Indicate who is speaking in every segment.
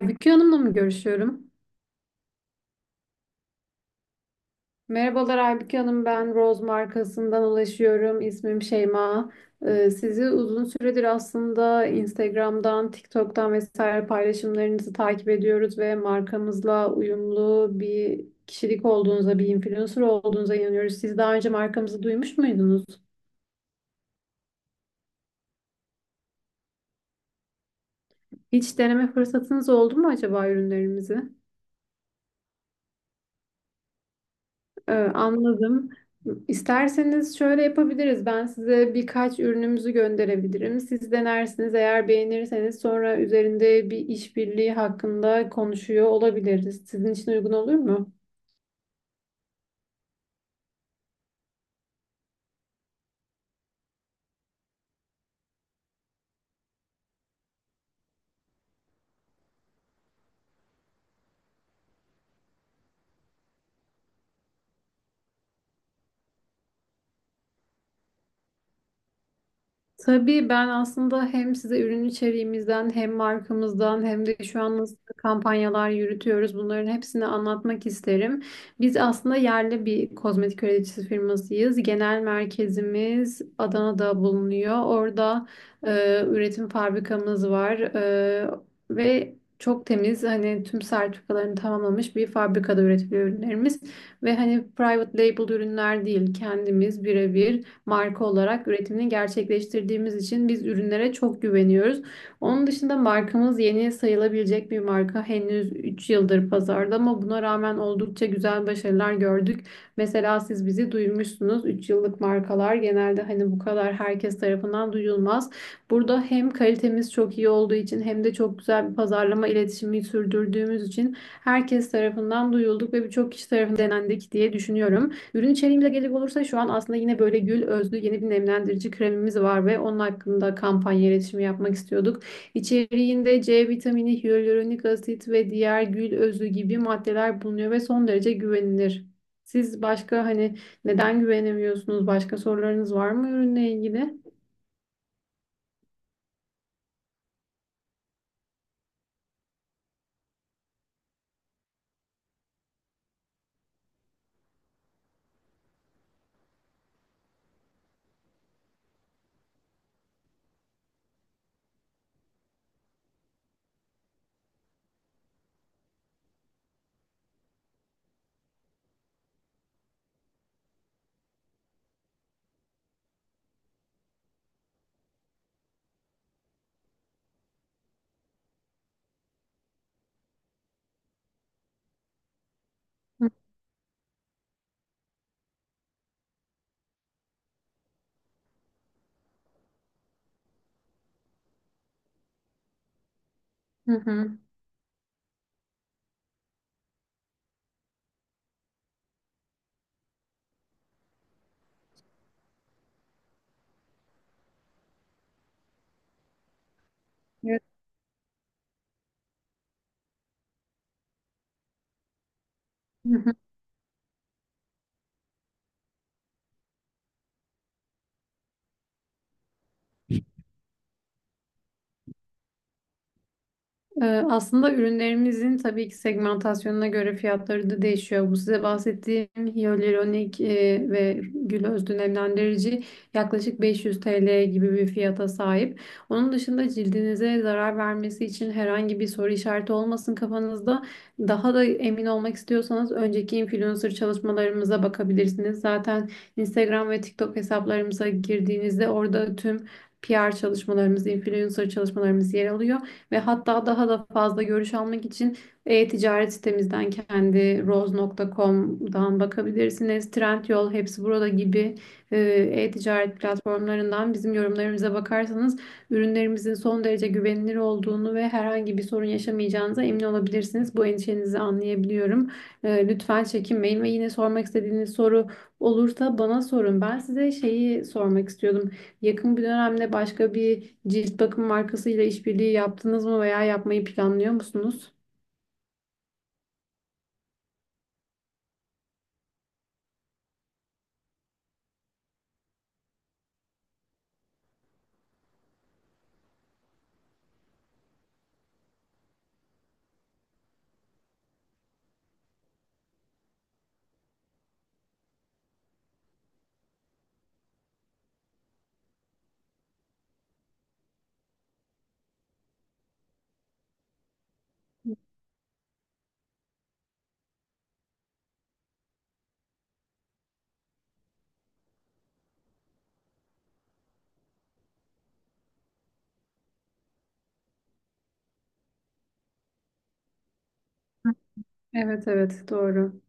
Speaker 1: Aybüke Hanım'la mı görüşüyorum? Merhabalar Aybüke Hanım, ben Rose markasından ulaşıyorum. İsmim Şeyma. Sizi uzun süredir aslında Instagram'dan, TikTok'tan vesaire paylaşımlarınızı takip ediyoruz ve markamızla uyumlu bir kişilik olduğunuza, bir influencer olduğunuza inanıyoruz. Siz daha önce markamızı duymuş muydunuz? Hiç deneme fırsatınız oldu mu acaba ürünlerimizi? Anladım. İsterseniz şöyle yapabiliriz. Ben size birkaç ürünümüzü gönderebilirim. Siz denersiniz. Eğer beğenirseniz sonra üzerinde bir işbirliği hakkında konuşuyor olabiliriz. Sizin için uygun olur mu? Tabii ben aslında hem size ürün içeriğimizden hem markamızdan hem de şu an nasıl kampanyalar yürütüyoruz bunların hepsini anlatmak isterim. Biz aslında yerli bir kozmetik üreticisi firmasıyız. Genel merkezimiz Adana'da bulunuyor. Orada üretim fabrikamız var ve çok temiz, hani tüm sertifikalarını tamamlamış bir fabrikada üretiliyor ürünlerimiz. Ve hani private label ürünler değil, kendimiz birebir marka olarak üretimini gerçekleştirdiğimiz için biz ürünlere çok güveniyoruz. Onun dışında markamız yeni sayılabilecek bir marka. Henüz 3 yıldır pazarda ama buna rağmen oldukça güzel başarılar gördük. Mesela siz bizi duymuşsunuz. 3 yıllık markalar genelde hani bu kadar herkes tarafından duyulmaz. Burada hem kalitemiz çok iyi olduğu için hem de çok güzel bir pazarlama iletişimi sürdürdüğümüz için herkes tarafından duyulduk ve birçok kişi tarafından denendik diye düşünüyorum. Ürün içeriğimize gelecek olursa şu an aslında yine böyle gül özlü yeni bir nemlendirici kremimiz var ve onun hakkında kampanya iletişimi yapmak istiyorduk. İçeriğinde C vitamini, hyaluronik asit ve diğer gül özlü gibi maddeler bulunuyor ve son derece güvenilir. Siz başka, hani, neden güvenemiyorsunuz? Başka sorularınız var mı ürünle ilgili? Hı hı. Evet. Hı hı. Aslında ürünlerimizin tabii ki segmentasyonuna göre fiyatları da değişiyor. Bu size bahsettiğim hyaluronik ve gül öz nemlendirici yaklaşık 500 TL gibi bir fiyata sahip. Onun dışında cildinize zarar vermesi için herhangi bir soru işareti olmasın kafanızda. Daha da emin olmak istiyorsanız önceki influencer çalışmalarımıza bakabilirsiniz. Zaten Instagram ve TikTok hesaplarımıza girdiğinizde orada tüm PR çalışmalarımız, influencer çalışmalarımız yer alıyor ve hatta daha da fazla görüş almak için e-ticaret sitemizden, kendi roz.com'dan bakabilirsiniz. Trendyol, hepsi burada gibi e, e-ticaret platformlarından bizim yorumlarımıza bakarsanız ürünlerimizin son derece güvenilir olduğunu ve herhangi bir sorun yaşamayacağınıza emin olabilirsiniz. Bu endişenizi anlayabiliyorum. Lütfen çekinmeyin ve yine sormak istediğiniz soru olursa bana sorun. Ben size şeyi sormak istiyordum. Yakın bir dönemde başka bir cilt bakım markasıyla işbirliği yaptınız mı veya yapmayı planlıyor musunuz? Evet, evet, doğru.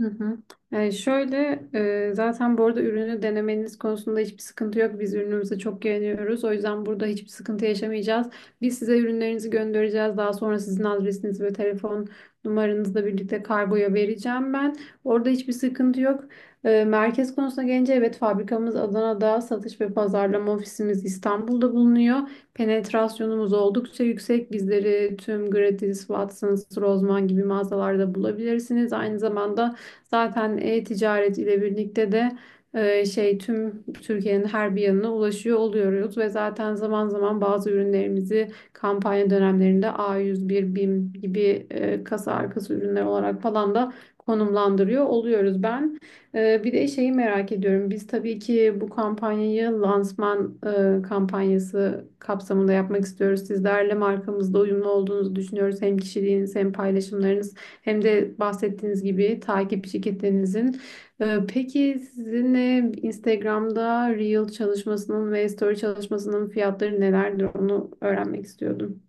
Speaker 1: Hı hı. Yani şöyle, zaten bu arada ürünü denemeniz konusunda hiçbir sıkıntı yok. Biz ürünümüze çok güveniyoruz. O yüzden burada hiçbir sıkıntı yaşamayacağız. Biz size ürünlerinizi göndereceğiz. Daha sonra sizin adresiniz ve telefon numaranızla birlikte kargoya vereceğim ben. Orada hiçbir sıkıntı yok. Merkez konusuna gelince, evet, fabrikamız Adana'da, satış ve pazarlama ofisimiz İstanbul'da bulunuyor. Penetrasyonumuz oldukça yüksek. Bizleri tüm Gratis, Watsons, Rossmann gibi mağazalarda bulabilirsiniz. Aynı zamanda zaten e-ticaret ile birlikte de tüm Türkiye'nin her bir yanına ulaşıyor oluyoruz ve zaten zaman zaman bazı ürünlerimizi kampanya dönemlerinde A101, BİM gibi kasa arkası ürünler olarak falan da konumlandırıyor oluyoruz. Ben bir de şeyi merak ediyorum. Biz tabii ki bu kampanyayı lansman kampanyası kapsamında yapmak istiyoruz. Sizlerle markamızda uyumlu olduğunuzu düşünüyoruz. Hem kişiliğiniz, hem paylaşımlarınız, hem de bahsettiğiniz gibi takip şirketlerinizin. Peki sizinle Instagram'da Reel çalışmasının ve Story çalışmasının fiyatları nelerdir, onu öğrenmek istiyordum.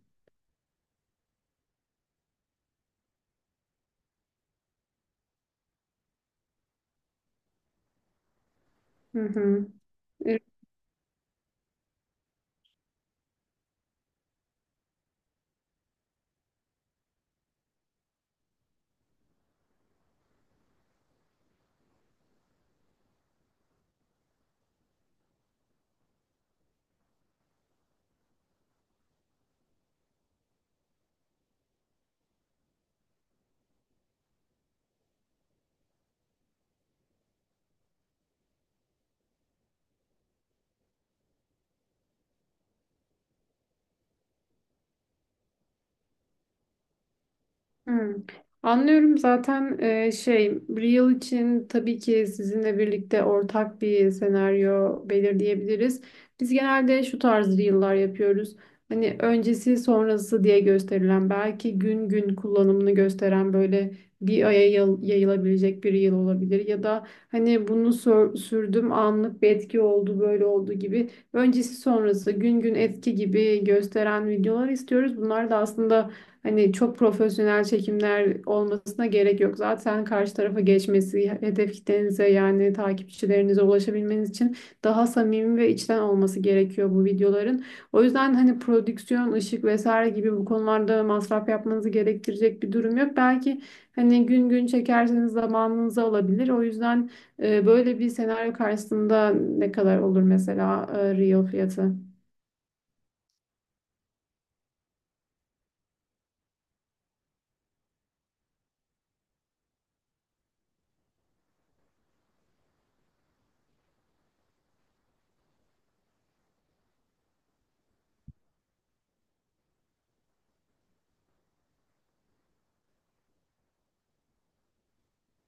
Speaker 1: Hı hı. Hmm. Anlıyorum. Zaten Real için tabii ki sizinle birlikte ortak bir senaryo belirleyebiliriz. Biz genelde şu tarz Reel'lar yapıyoruz. Hani öncesi sonrası diye gösterilen, belki gün gün kullanımını gösteren, böyle bir aya yayılabilecek bir Reel olabilir. Ya da hani bunu sürdüm, anlık bir etki oldu, böyle oldu gibi öncesi sonrası, gün gün etki gibi gösteren videolar istiyoruz. Bunlar da aslında, hani, çok profesyonel çekimler olmasına gerek yok. Zaten karşı tarafa geçmesi, hedef kitlenize yani takipçilerinize ulaşabilmeniz için daha samimi ve içten olması gerekiyor bu videoların. O yüzden hani prodüksiyon, ışık vesaire gibi bu konularda masraf yapmanızı gerektirecek bir durum yok. Belki hani gün gün çekerseniz zamanınızı alabilir. O yüzden böyle bir senaryo karşısında ne kadar olur mesela reel fiyatı?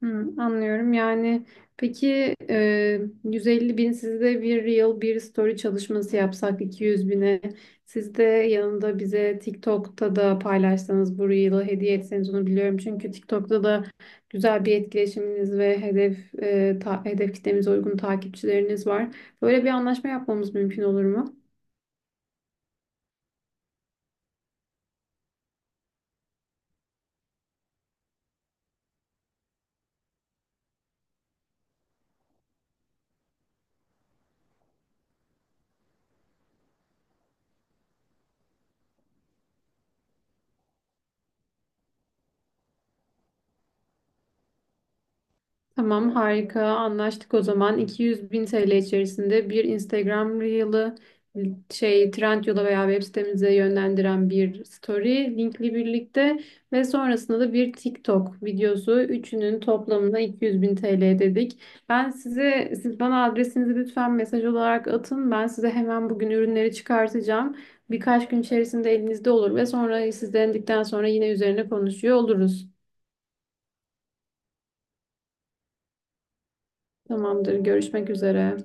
Speaker 1: Hı, anlıyorum. Yani peki 150 bin, sizde bir reel bir story çalışması yapsak 200 bine, siz de yanında bize TikTok'ta da paylaşsanız, bu reel'ı hediye etseniz onu biliyorum. Çünkü TikTok'ta da güzel bir etkileşiminiz ve hedef hedef kitlemize uygun takipçileriniz var. Böyle bir anlaşma yapmamız mümkün olur mu? Tamam, harika, anlaştık o zaman. 200 bin TL içerisinde bir Instagram Reel'ı, şey, Trendyol'a veya web sitemize yönlendiren bir story linkli birlikte ve sonrasında da bir TikTok videosu, üçünün toplamına 200 bin TL dedik. Ben size, siz bana adresinizi lütfen mesaj olarak atın, ben size hemen bugün ürünleri çıkartacağım. Birkaç gün içerisinde elinizde olur ve sonra siz denedikten sonra yine üzerine konuşuyor oluruz. Tamamdır, görüşmek üzere.